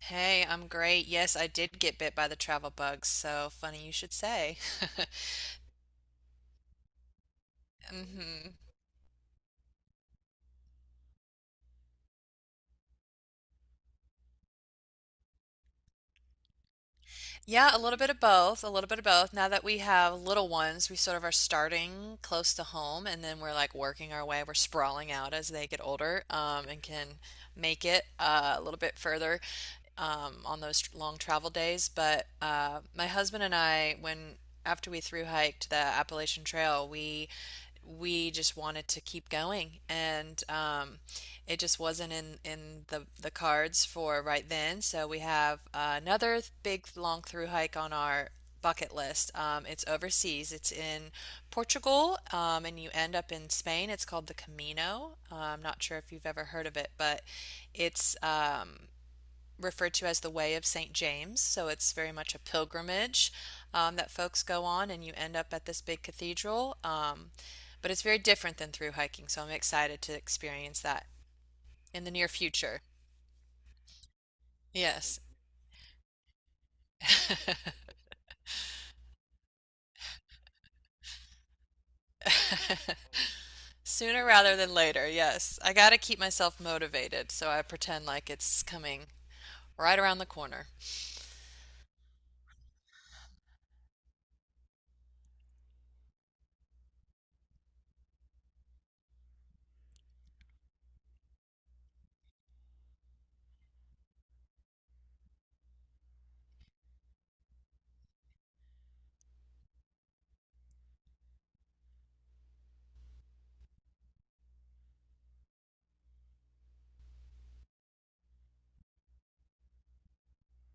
Hey, I'm great. Yes, I did get bit by the travel bug, so funny you should say. hmm Yeah, a little bit of both, a little bit of both. Now that we have little ones, we sort of are starting close to home, and then we're like working our way, we're sprawling out as they get older, and can make it a little bit further on those long travel days. But my husband and I, when after we thru hiked the Appalachian Trail, we just wanted to keep going and it just wasn't in the cards for right then, so we have another big long through hike on our bucket list. It's overseas, it's in Portugal, and you end up in Spain. It's called the Camino. I'm not sure if you've ever heard of it, but it's referred to as the Way of St. James. So it's very much a pilgrimage that folks go on, and you end up at this big cathedral. But it's very different than through hiking, so I'm excited to experience that in the near future. Yes. Sooner rather than later, yes. I gotta keep myself motivated, so I pretend like it's coming right around the corner.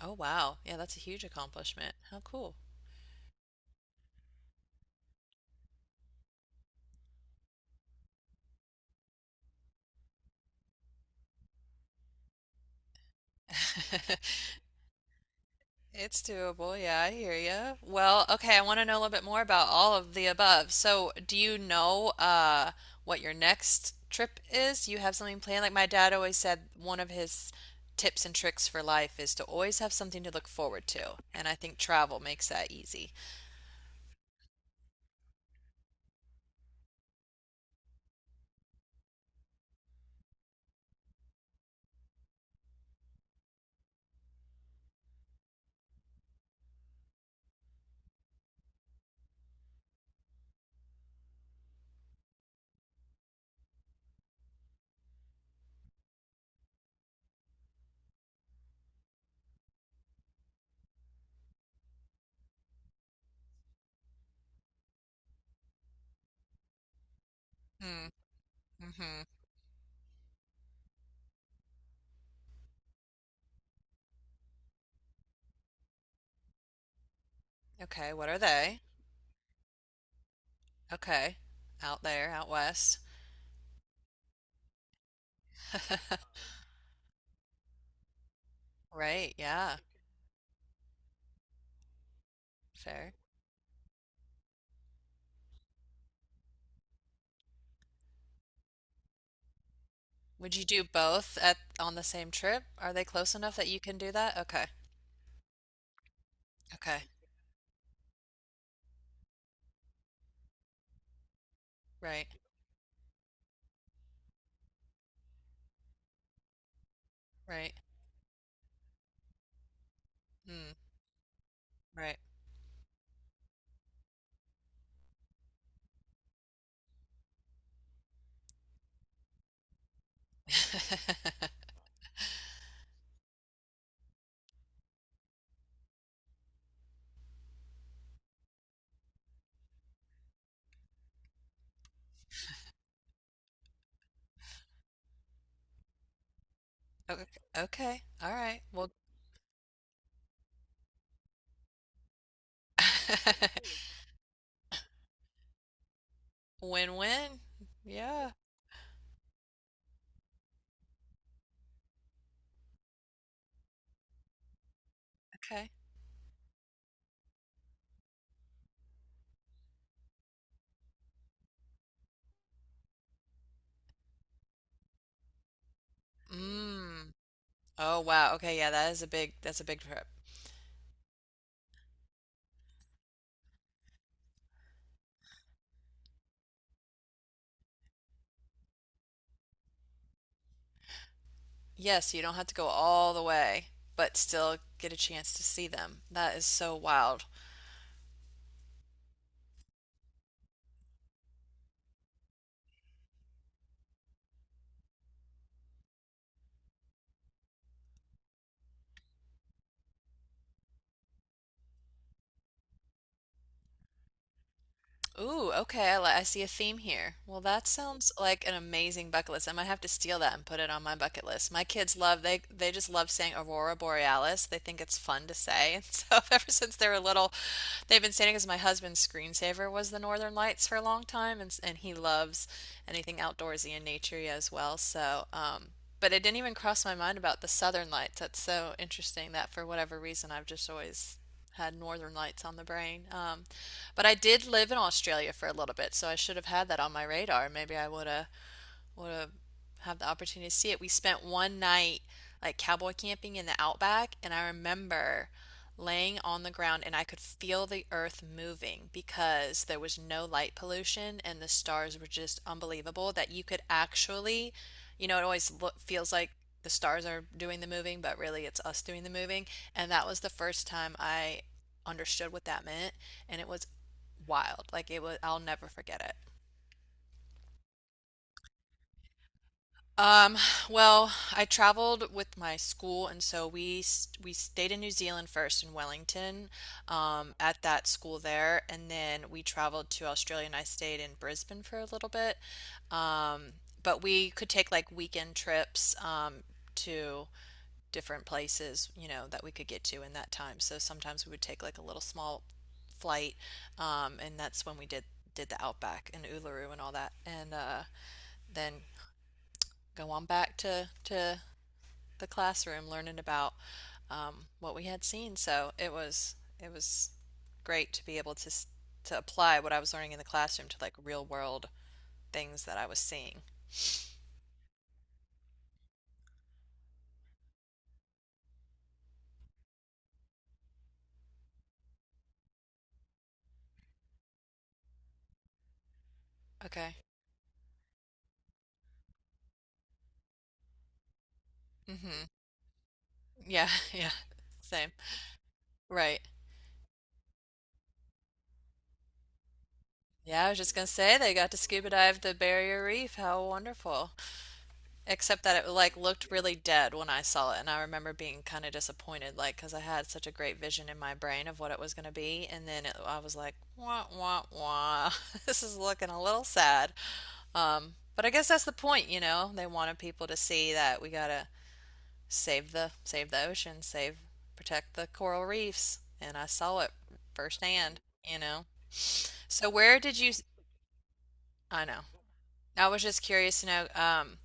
Oh, wow. Yeah, that's a huge accomplishment. How cool. It's doable. Yeah, I hear you. Well, okay, I want to know a little bit more about all of the above. So, do you know what your next trip is? You have something planned? Like my dad always said, one of his tips and tricks for life is to always have something to look forward to, and I think travel makes that easy. Hmm. Mm-hmm. Okay, what are they? Okay. Out there, out west. Right, yeah. Fair. Would you do both at on the same trip? Are they close enough that you can do that? Okay. Okay. Right, right. Mm, right. Ok okay, alright, well. Win-win. Yeah, okay. Mm. Oh, wow, okay, yeah, that is a big, that's a big trip. Yes, you don't have to go all the way, but still get a chance to see them. That is so wild. Ooh, okay. I, li- I see a theme here. Well, that sounds like an amazing bucket list. I might have to steal that and put it on my bucket list. My kids love, they just love saying Aurora Borealis. They think it's fun to say. And so ever since they were little, they've been saying it, because my husband's screensaver was the Northern Lights for a long time, and s- and he loves anything outdoorsy and naturey as well. So, but it didn't even cross my mind about the Southern Lights. That's so interesting that for whatever reason I've just always had Northern Lights on the brain. But I did live in Australia for a little bit, so I should have had that on my radar. Maybe I would have the opportunity to see it. We spent one night like cowboy camping in the outback, and I remember laying on the ground and I could feel the earth moving because there was no light pollution and the stars were just unbelievable that you could actually, you know, it always look, feels like the stars are doing the moving, but really it's us doing the moving. And that was the first time I understood what that meant, and it was wild. Like it was, I'll never forget it. Um, well, I traveled with my school, and so we s- we stayed in New Zealand first in Wellington, at that school there, and then we traveled to Australia, and I stayed in Brisbane for a little bit. Um, but we could take like weekend trips, to different places, you know, that we could get to in that time. So sometimes we would take like a little small flight, and that's when we did the Outback and Uluru and all that, and then go on back to the classroom learning about what we had seen. So it was great to be able to apply what I was learning in the classroom to like real world things that I was seeing. Okay. Mm-hmm. Yeah, yeah. Same. Right. Yeah, I was just gonna say they got to scuba dive the Barrier Reef. How wonderful. Except that it like looked really dead when I saw it, and I remember being kind of disappointed, like because I had such a great vision in my brain of what it was going to be, and then it, I was like, wah wah wah, this is looking a little sad. But I guess that's the point, you know. They wanted people to see that we gotta save the ocean, save protect the coral reefs, and I saw it firsthand, you know. So where did you? I know. I was just curious to know.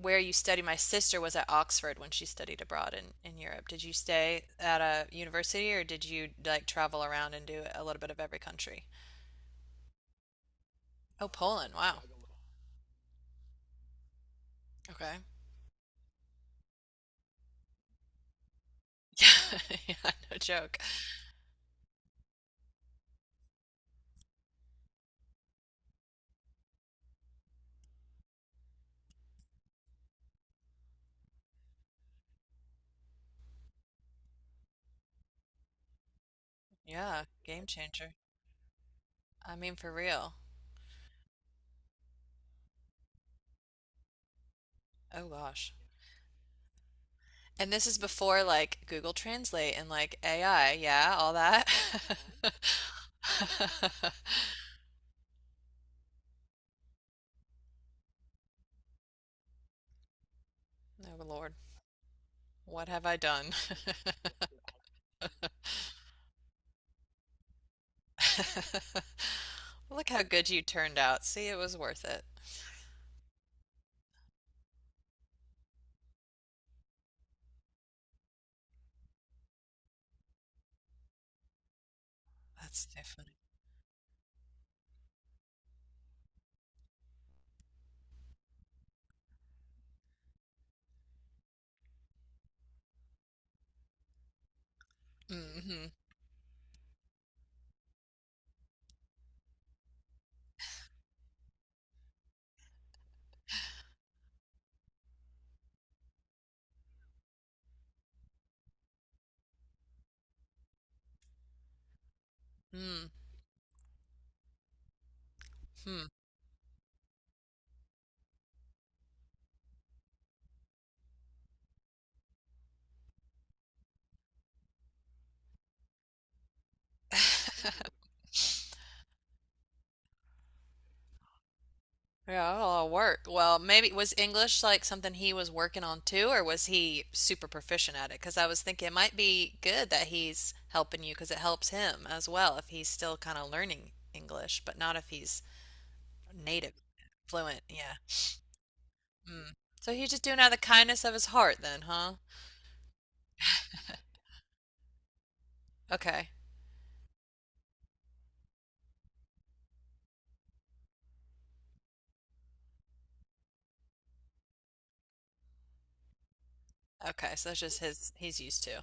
Where you study. My sister was at Oxford when she studied abroad in Europe. Did you stay at a university or did you like travel around and do a little bit of every country? Oh, Poland. Wow. Okay. Yeah, no joke. Yeah, game changer. I mean, for real. Oh gosh. And this is before like Google Translate and like AI, yeah, all that. Oh Lord, what have I done? Look how good you turned out. See, it was worth it. That's so funny. Mm-hmm. Mm-hmm. Yeah, that'll work. Well, maybe was English like something he was working on too, or was he super proficient at it? Because I was thinking it might be good that he's helping you because it helps him as well if he's still kind of learning English, but not if he's native, fluent. Yeah. Mm. So he's just doing it out of the kindness of his heart then, huh? Okay. Okay. So that's just his, he's used to.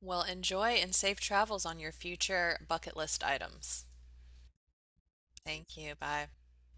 Well, enjoy and safe travels on your future bucket list items. Thank you. Bye.